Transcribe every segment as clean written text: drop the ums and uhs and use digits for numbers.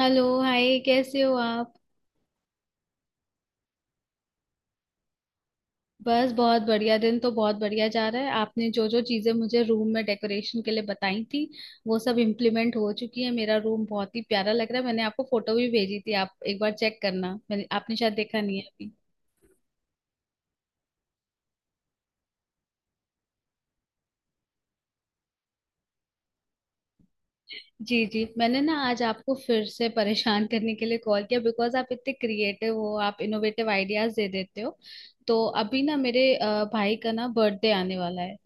Hello. Hi, कैसे हो आप? बस बहुत बढ़िया। दिन तो बहुत बढ़िया जा रहा है। आपने जो जो चीजें मुझे रूम में डेकोरेशन के लिए बताई थी वो सब इम्प्लीमेंट हो चुकी है। मेरा रूम बहुत ही प्यारा लग रहा है। मैंने आपको फोटो भी भेजी थी, आप एक बार चेक करना। मैंने आपने शायद देखा नहीं है। जी जी, मैंने ना आज आपको फिर से परेशान करने के लिए कॉल किया बिकॉज आप इतने क्रिएटिव हो, आप इनोवेटिव आइडियाज दे देते हो। तो अभी ना मेरे भाई का ना बर्थडे आने वाला है।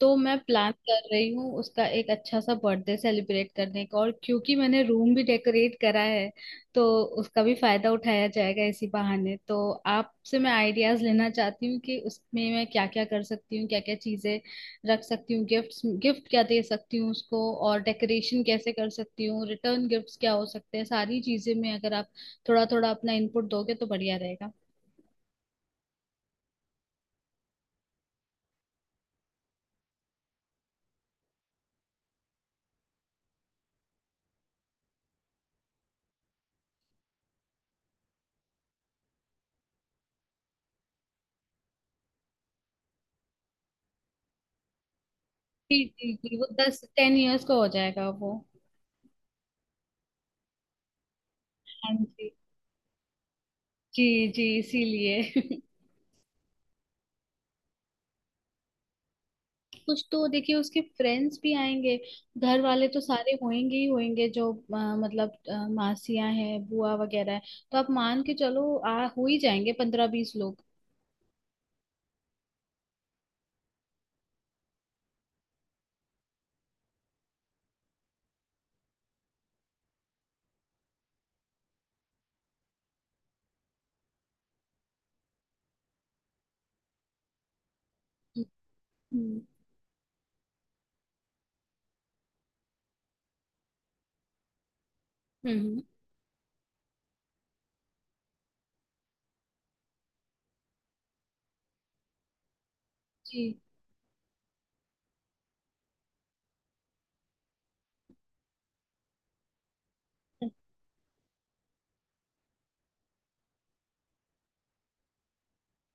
तो मैं प्लान कर रही हूँ उसका एक अच्छा सा बर्थडे सेलिब्रेट करने का, और क्योंकि मैंने रूम भी डेकोरेट करा है तो उसका भी फायदा उठाया जाएगा इसी बहाने। तो आपसे मैं आइडियाज लेना चाहती हूँ कि उसमें मैं क्या क्या कर सकती हूँ, क्या क्या चीजें रख सकती हूँ, गिफ्ट्स, गिफ्ट क्या दे सकती हूँ उसको, और डेकोरेशन कैसे कर सकती हूँ, रिटर्न गिफ्ट्स क्या हो सकते हैं। सारी चीजें में अगर आप थोड़ा थोड़ा अपना इनपुट दोगे तो बढ़िया रहेगा। जी जी जी, वो 10 10 इयर्स का हो जाएगा वो। हाँ जी। जी जी, इसीलिए। कुछ तो देखिए उसके फ्रेंड्स भी आएंगे, घर वाले तो सारे होंगे ही होंगे, जो मतलब मासियां हैं, बुआ वगैरह है। तो आप मान के चलो आ हो ही जाएंगे 15-20 लोग। हम्म। हम्म। हम्म। हम्म। जी।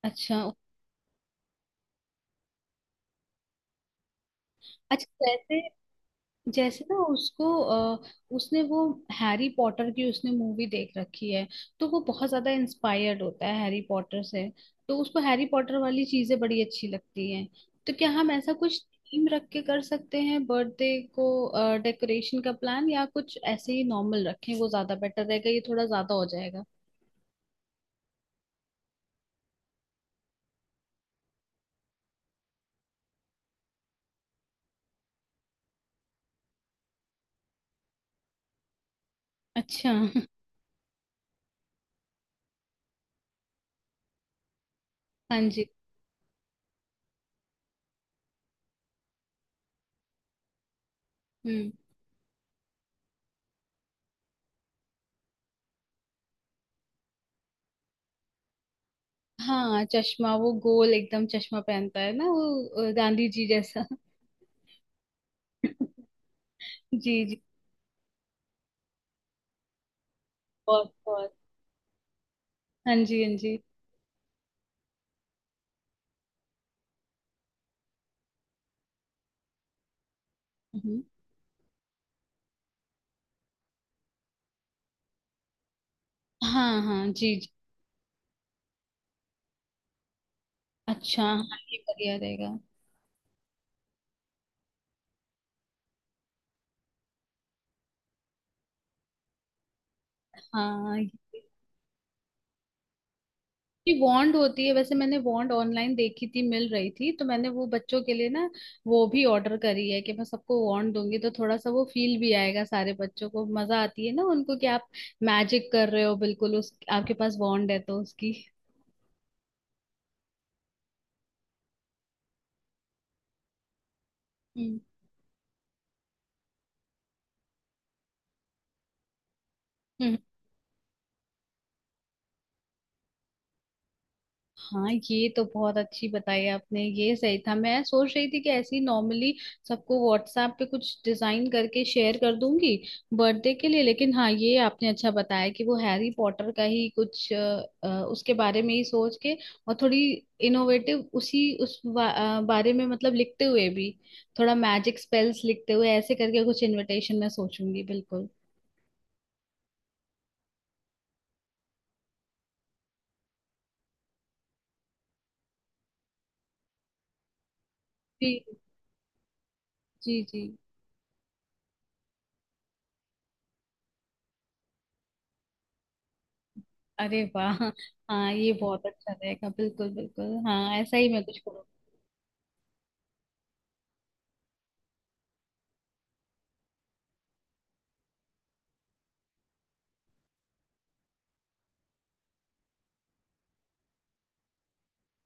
अच्छा। अच्छा, जैसे। जैसे ना उसको उसने वो हैरी पॉटर की उसने मूवी देख रखी है, तो वो बहुत ज्यादा इंस्पायर्ड होता है हैरी पॉटर से। तो उसको हैरी पॉटर वाली चीजें बड़ी अच्छी लगती हैं। तो क्या हम ऐसा कुछ थीम रख के कर सकते हैं बर्थडे को, डेकोरेशन का प्लान? या कुछ ऐसे ही नॉर्मल रखें, वो ज्यादा बेटर रहेगा, ये थोड़ा ज्यादा हो जाएगा? अच्छा। हाँ जी। हम्म। हाँ, चश्मा, वो गोल एकदम चश्मा पहनता है ना वो, गांधी जी जैसा। जी जी। बहुत बहुत। हाँ जी, हाँ जी। हम्म। हाँ हाँ जी जी। अच्छा, हाँ, ये बढ़िया रहेगा। हाँ। ये वॉन्ड होती है। वैसे मैंने वॉन्ड ऑनलाइन देखी थी, मिल रही थी, तो मैंने वो बच्चों के लिए ना वो भी ऑर्डर करी है। कि मैं सबको वॉन्ड दूंगी तो थोड़ा सा वो फील भी आएगा। सारे बच्चों को मजा आती है ना उनको कि आप मैजिक कर रहे हो, बिल्कुल उस आपके पास वॉन्ड है तो उसकी। हम्म। हाँ, ये तो बहुत अच्छी बताई आपने, ये सही था। मैं सोच रही थी कि ऐसे ही नॉर्मली सबको व्हाट्सएप पे कुछ डिजाइन करके शेयर कर दूंगी बर्थडे के लिए। लेकिन हाँ, ये आपने अच्छा बताया कि वो हैरी पॉटर का ही कुछ, उसके बारे में ही सोच के, और थोड़ी इनोवेटिव उसी बारे में, मतलब लिखते हुए भी थोड़ा मैजिक स्पेल्स लिखते हुए, ऐसे करके कुछ इनविटेशन मैं सोचूंगी, बिल्कुल। जी जी जी। अरे वाह! हाँ ये बहुत अच्छा रहेगा, बिल्कुल बिल्कुल, हाँ ऐसा ही मैं कुछ करूंगी।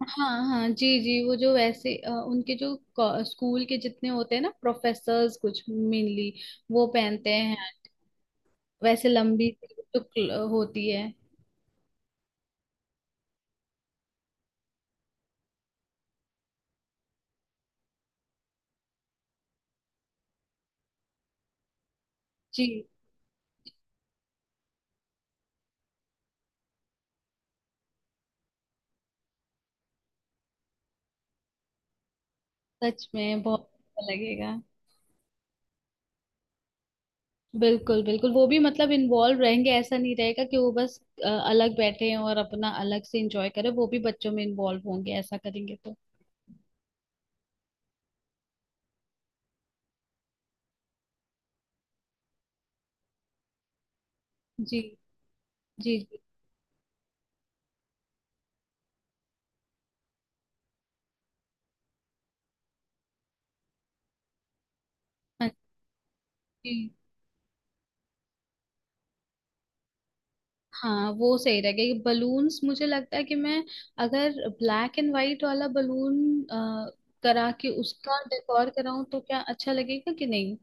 हाँ हाँ जी जी, वो जो वैसे उनके जो स्कूल के जितने होते हैं ना प्रोफेसर्स, कुछ मेनली वो पहनते हैं, वैसे लंबी सी जो होती है। जी। सच में बहुत अच्छा लगेगा, बिल्कुल बिल्कुल। वो भी मतलब इन्वॉल्व रहेंगे, ऐसा नहीं रहेगा कि वो बस अलग बैठे हैं और अपना अलग से इंजॉय करें। वो भी बच्चों में इन्वॉल्व होंगे, ऐसा करेंगे तो। जी जी जी। हाँ जी। हाँ, वो सही रहेगा। ये बलून्स मुझे लगता है कि मैं अगर ब्लैक एंड व्हाइट वाला बलून करा के उसका डेकोर कराऊं तो क्या अच्छा लगेगा कि नहीं?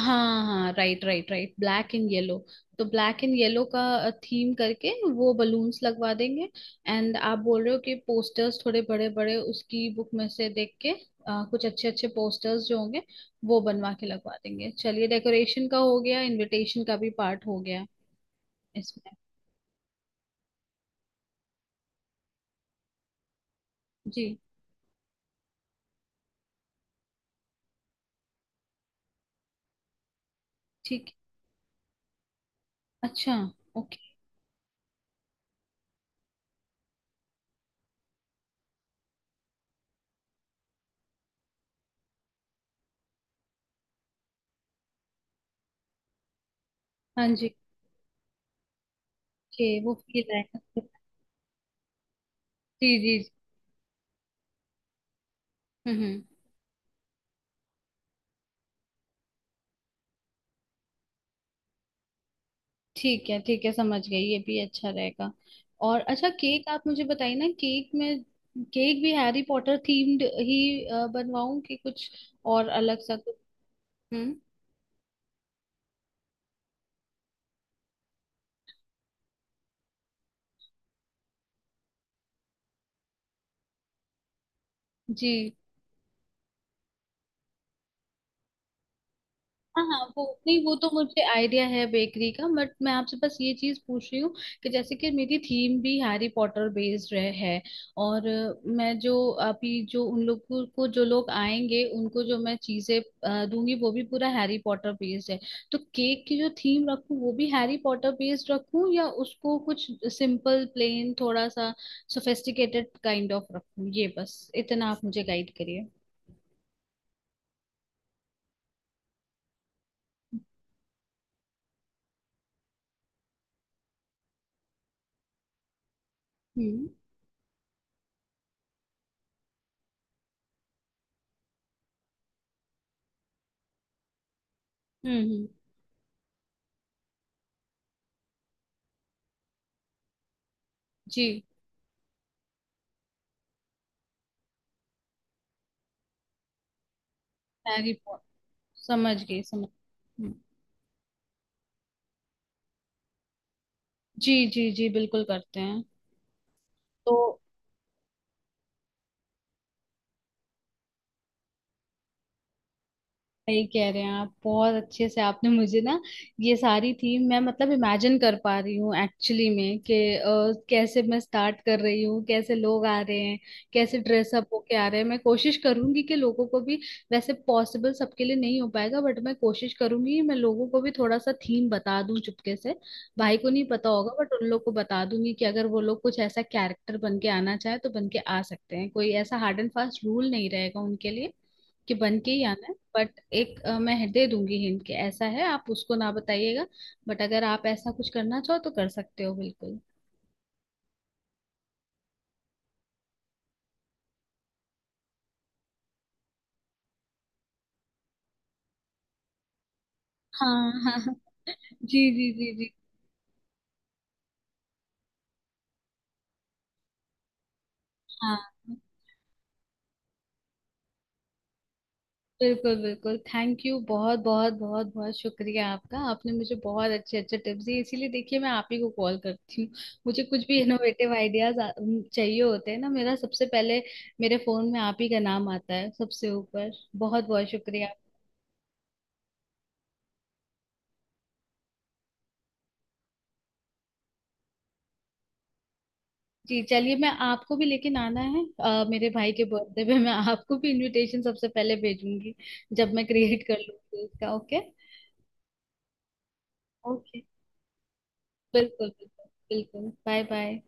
हाँ हाँ, right right right, black and yellow. तो ब्लैक एंड येलो का थीम करके वो बलून्स लगवा देंगे। एंड आप बोल रहे हो कि पोस्टर्स थोड़े बड़े बड़े उसकी बुक में से देख के कुछ अच्छे अच्छे पोस्टर्स जो होंगे वो बनवा के लगवा देंगे। चलिए, डेकोरेशन का हो गया, इनविटेशन का भी पार्ट हो गया इसमें। जी। ठीक है। अच्छा। ओके। हाँ जी। ओके, वो फील आएगा। जी जी जी। हम्म। ठीक है ठीक है, समझ गई, ये भी अच्छा रहेगा। और अच्छा, केक आप मुझे बताइए ना, केक में केक भी हैरी पॉटर थीम्ड ही बनवाऊं कि कुछ और अलग सा कुछ? हम्म। जी। हाँ हाँ, वो नहीं, वो तो मुझे आइडिया है बेकरी का। बट मैं आपसे बस ये चीज पूछ रही हूँ कि जैसे कि मेरी थीम भी हैरी पॉटर बेस्ड रह है, और मैं जो अभी जो उन लोगों को जो लोग आएंगे उनको जो मैं चीजें दूंगी वो भी पूरा हैरी पॉटर बेस्ड है, तो केक की जो थीम रखूँ वो भी हैरी पॉटर बेस्ड रखूँ या उसको कुछ सिंपल प्लेन थोड़ा सा सोफेस्टिकेटेड काइंड ऑफ रखूँ? ये बस इतना आप मुझे गाइड करिए। हम्म। हम्म। हम्म। जी। हैरी समझ गई समझ हम्म। जी जी जी, बिल्कुल करते हैं। तो सही कह रहे हैं आप, बहुत अच्छे से आपने मुझे ना ये सारी थीम मैं मतलब इमेजिन कर पा रही हूँ एक्चुअली में कि कैसे मैं स्टार्ट कर रही हूँ, कैसे लोग आ रहे हैं, कैसे ड्रेसअप होके आ रहे हैं। मैं कोशिश करूंगी कि लोगों को भी वैसे पॉसिबल सबके लिए नहीं हो पाएगा, बट मैं कोशिश करूंगी मैं लोगों को भी थोड़ा सा थीम बता दूं चुपके से। भाई को नहीं पता होगा, बट उन लोग को बता दूंगी कि अगर वो लोग कुछ ऐसा कैरेक्टर बन के आना चाहे तो बन के आ सकते हैं। कोई ऐसा हार्ड एंड फास्ट रूल नहीं रहेगा उनके लिए कि बन के ही आना है। बट एक मैं दे दूंगी हिंट के ऐसा है, आप उसको ना बताइएगा, बट अगर आप ऐसा कुछ करना चाहो तो कर सकते हो, बिल्कुल। हाँ हाँ हाँ। जी जी जी जी। हाँ, बिल्कुल बिल्कुल, थैंक यू, बहुत बहुत बहुत बहुत शुक्रिया आपका। आपने मुझे बहुत अच्छे अच्छे टिप्स दिए, इसीलिए देखिए मैं आप ही को कॉल करती हूँ। मुझे कुछ भी इनोवेटिव आइडियाज चाहिए होते हैं ना, मेरा सबसे पहले मेरे फोन में आप ही का नाम आता है सबसे ऊपर। बहुत बहुत शुक्रिया। जी चलिए, मैं आपको भी लेकिन आना है, मेरे भाई के बर्थडे पे मैं आपको भी इनविटेशन सबसे पहले भेजूंगी जब मैं क्रिएट कर लूंगी इसका। ओके। ओके, बिल्कुल बिल्कुल बिल्कुल। Bye bye.